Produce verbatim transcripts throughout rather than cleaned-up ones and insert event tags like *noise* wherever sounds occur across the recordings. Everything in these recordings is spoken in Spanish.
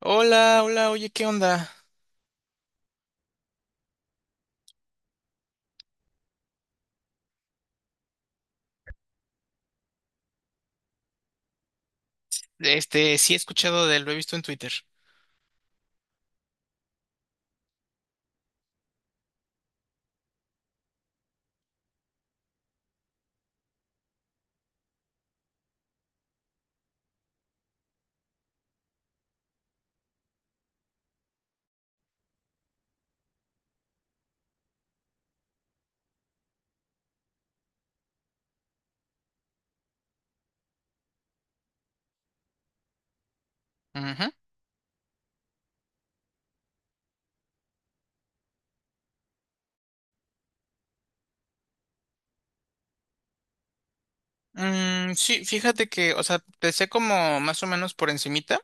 Hola, hola, oye, ¿qué onda? Este, sí he escuchado de él, lo he visto en Twitter. Ujú. Mm, sí, fíjate que, o sea, te sé como más o menos por encimita.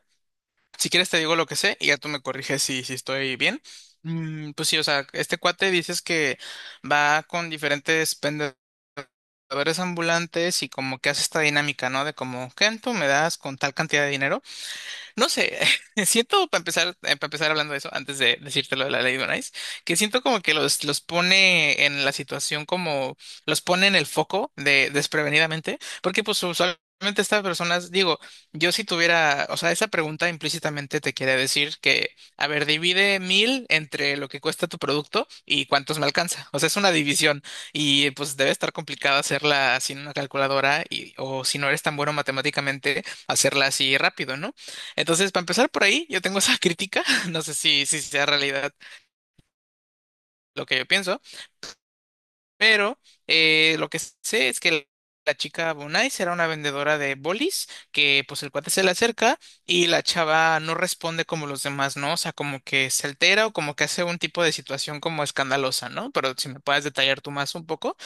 Si quieres te digo lo que sé y ya tú me corriges si, si estoy bien. Mm, pues sí, o sea, este cuate dices que va con diferentes vendedores ambulantes y como que hace esta dinámica, ¿no? De como, ¿qué tú me das con tal cantidad de dinero? No sé, *laughs* siento para empezar, eh, para empezar hablando de eso, antes de decirte lo de la ley de Bonais, que siento como que los, los pone en la situación como, los pone en el foco de desprevenidamente, porque pues usualmente estas personas, digo, yo si tuviera, o sea, esa pregunta implícitamente te quiere decir que, a ver, divide mil entre lo que cuesta tu producto y cuántos me alcanza. O sea, es una división y pues debe estar complicado hacerla sin una calculadora y, o si no eres tan bueno matemáticamente, hacerla así rápido, ¿no? Entonces, para empezar por ahí, yo tengo esa crítica, *laughs* no sé si, si sea realidad lo que yo pienso, pero eh, lo que sé es que la chica Bonai será una vendedora de bolis, que pues el cuate se le acerca y la chava no responde como los demás, ¿no? O sea, como que se altera o como que hace un tipo de situación como escandalosa, ¿no? Pero si me puedes detallar tú más un poco.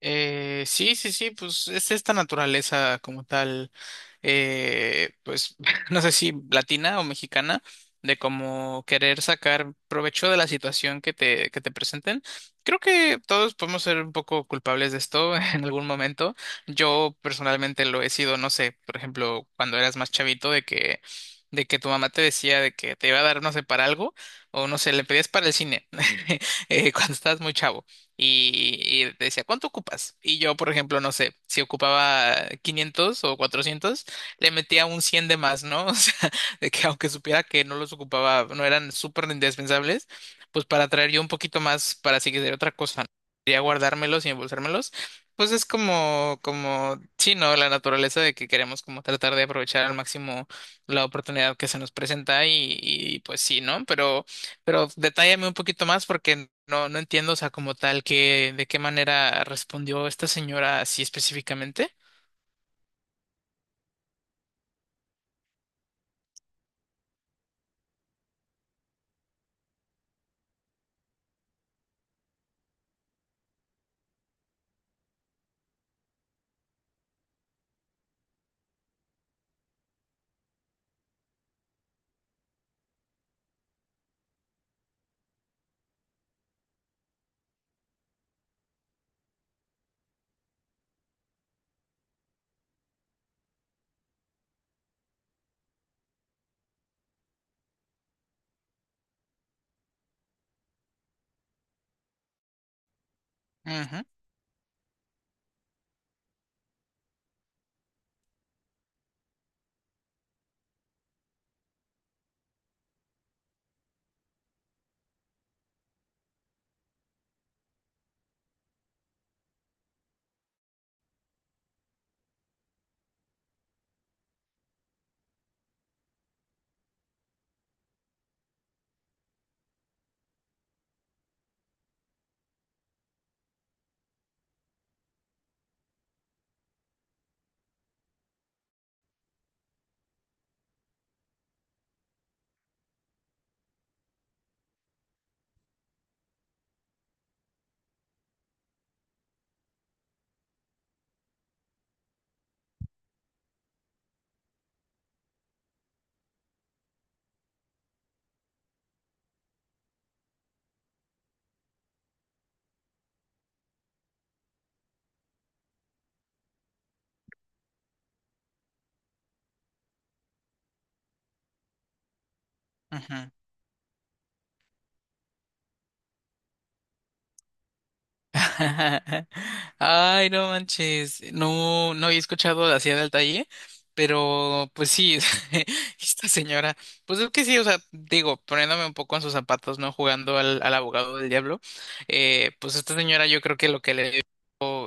Eh, sí, sí, sí, pues es esta naturaleza como tal eh, pues *laughs* no sé si latina o mexicana, de como querer sacar provecho de la situación que te, que te presenten. Creo que todos podemos ser un poco culpables de esto *laughs* en algún momento. Yo personalmente lo he sido, no sé, por ejemplo, cuando eras más chavito, de que, de que tu mamá te decía de que te iba a dar, no sé, para algo, o no sé, le pedías para el cine, *laughs* eh, cuando estabas muy chavo y, y te decía, ¿cuánto ocupas? Y yo, por ejemplo, no sé, si ocupaba quinientos o cuatrocientos le metía un cien de más, ¿no? *laughs* O sea, de que aunque supiera que no los ocupaba, no eran súper indispensables, pues para traer yo un poquito más para si quisiera otra cosa, ¿no? Quería guardármelos y embolsármelos. Pues es como, como, sí, ¿no? La naturaleza de que queremos como tratar de aprovechar al máximo la oportunidad que se nos presenta y, y pues sí, ¿no? Pero, pero detállame un poquito más porque no, no entiendo, o sea, como tal, que, de qué manera respondió esta señora así específicamente. Ujú, ujú. *laughs* Ay, no manches, no, no había escuchado así del talle, pero pues sí, *laughs* esta señora, pues es que sí, o sea, digo, poniéndome un poco en sus zapatos, ¿no? Jugando al, al abogado del diablo, eh, pues esta señora yo creo que lo que le dio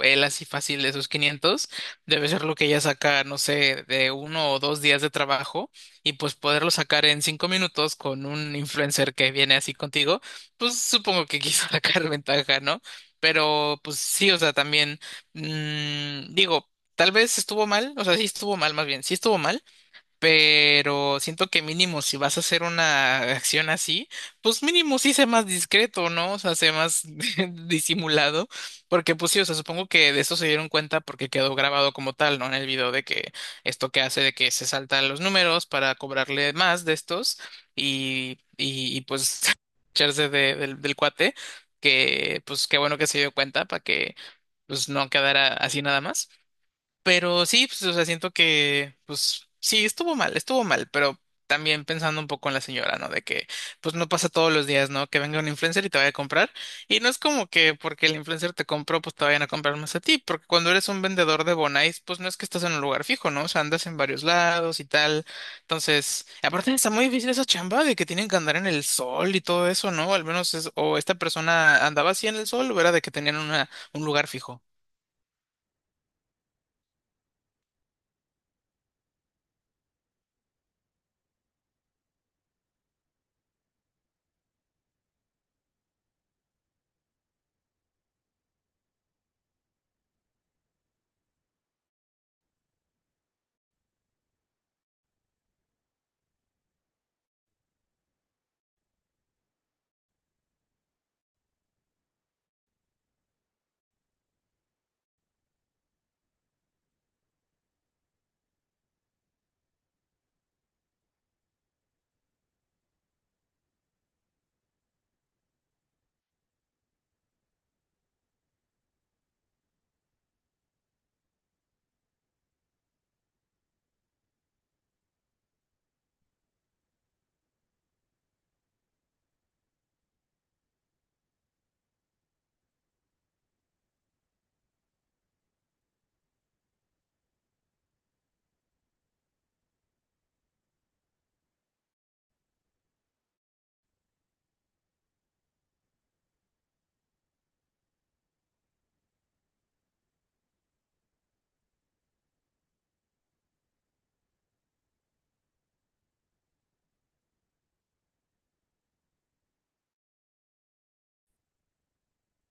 él así fácil de sus quinientos debe ser lo que ella saca, no sé, de uno o dos días de trabajo y pues poderlo sacar en cinco minutos con un influencer que viene así contigo, pues supongo que quiso *laughs* sacar ventaja, ¿no? Pero pues sí, o sea, también mm, digo, tal vez estuvo mal, o sea, sí estuvo mal más bien, sí estuvo mal. Pero siento que mínimo si vas a hacer una acción así, pues mínimo sí sé más discreto, ¿no? O sea, sé más *laughs* disimulado, porque pues sí, o sea, supongo que de eso se dieron cuenta porque quedó grabado como tal, ¿no? En el video de que esto que hace de que se saltan los números para cobrarle más de estos y, y, y, pues *laughs* echarse de- del, del cuate, que pues qué bueno que se dio cuenta para que pues no quedara así nada más. Pero sí, pues, o sea, siento que, pues sí, estuvo mal, estuvo mal, pero también pensando un poco en la señora, ¿no? De que, pues no pasa todos los días, ¿no? Que venga un influencer y te vaya a comprar. Y no es como que porque el influencer te compró, pues te vayan a comprar más a ti, porque cuando eres un vendedor de Bonais, pues no es que estás en un lugar fijo, ¿no? O sea, andas en varios lados y tal. Entonces, aparte está muy difícil esa chamba de que tienen que andar en el sol y todo eso, ¿no? Al menos es, o esta persona andaba así en el sol o era de que tenían una, un lugar fijo.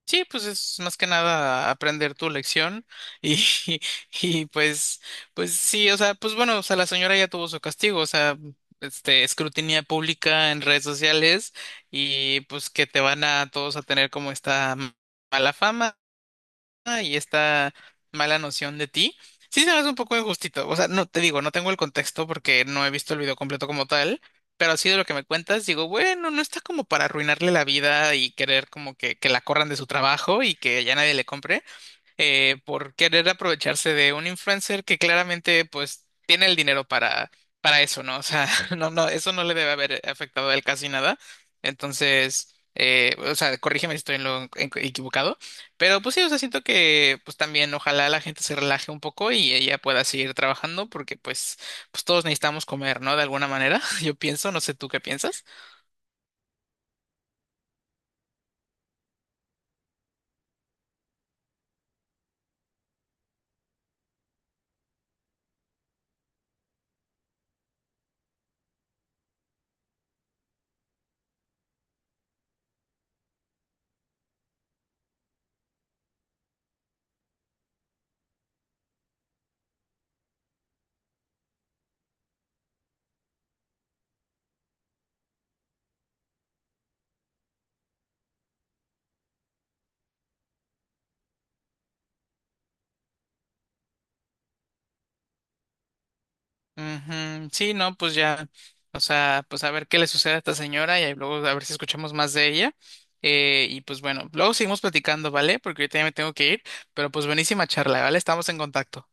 Sí, pues es más que nada aprender tu lección y, *laughs* y pues, pues sí, o sea, pues bueno, o sea, la señora ya tuvo su castigo, o sea, este, escrutinía pública en redes sociales y pues que te van a todos a tener como esta mala fama. Ah, y esta mala noción de ti, sí se me hace un poco injustito. O sea, no te digo, no tengo el contexto porque no he visto el video completo como tal, pero así de lo que me cuentas, digo, bueno, no está como para arruinarle la vida y querer como que, que la corran de su trabajo y que ya nadie le compre eh, por querer aprovecharse de un influencer que claramente pues tiene el dinero para, para eso, ¿no? O sea, *laughs* no, no, eso no le debe haber afectado a él casi nada. Entonces, eh, o sea, corrígeme si estoy en lo en- equivocado, pero pues sí, o sea, siento que pues también ojalá la gente se relaje un poco y ella pueda seguir trabajando porque pues, pues todos necesitamos comer, ¿no? De alguna manera, *laughs* yo pienso, no sé tú qué piensas. Ujú, sí, no, pues ya, o sea, pues a ver qué le sucede a esta señora y ahí luego a ver si escuchamos más de ella. Eh, y pues bueno, luego seguimos platicando, ¿vale? Porque ahorita ya me tengo que ir, pero pues buenísima charla, ¿vale? Estamos en contacto.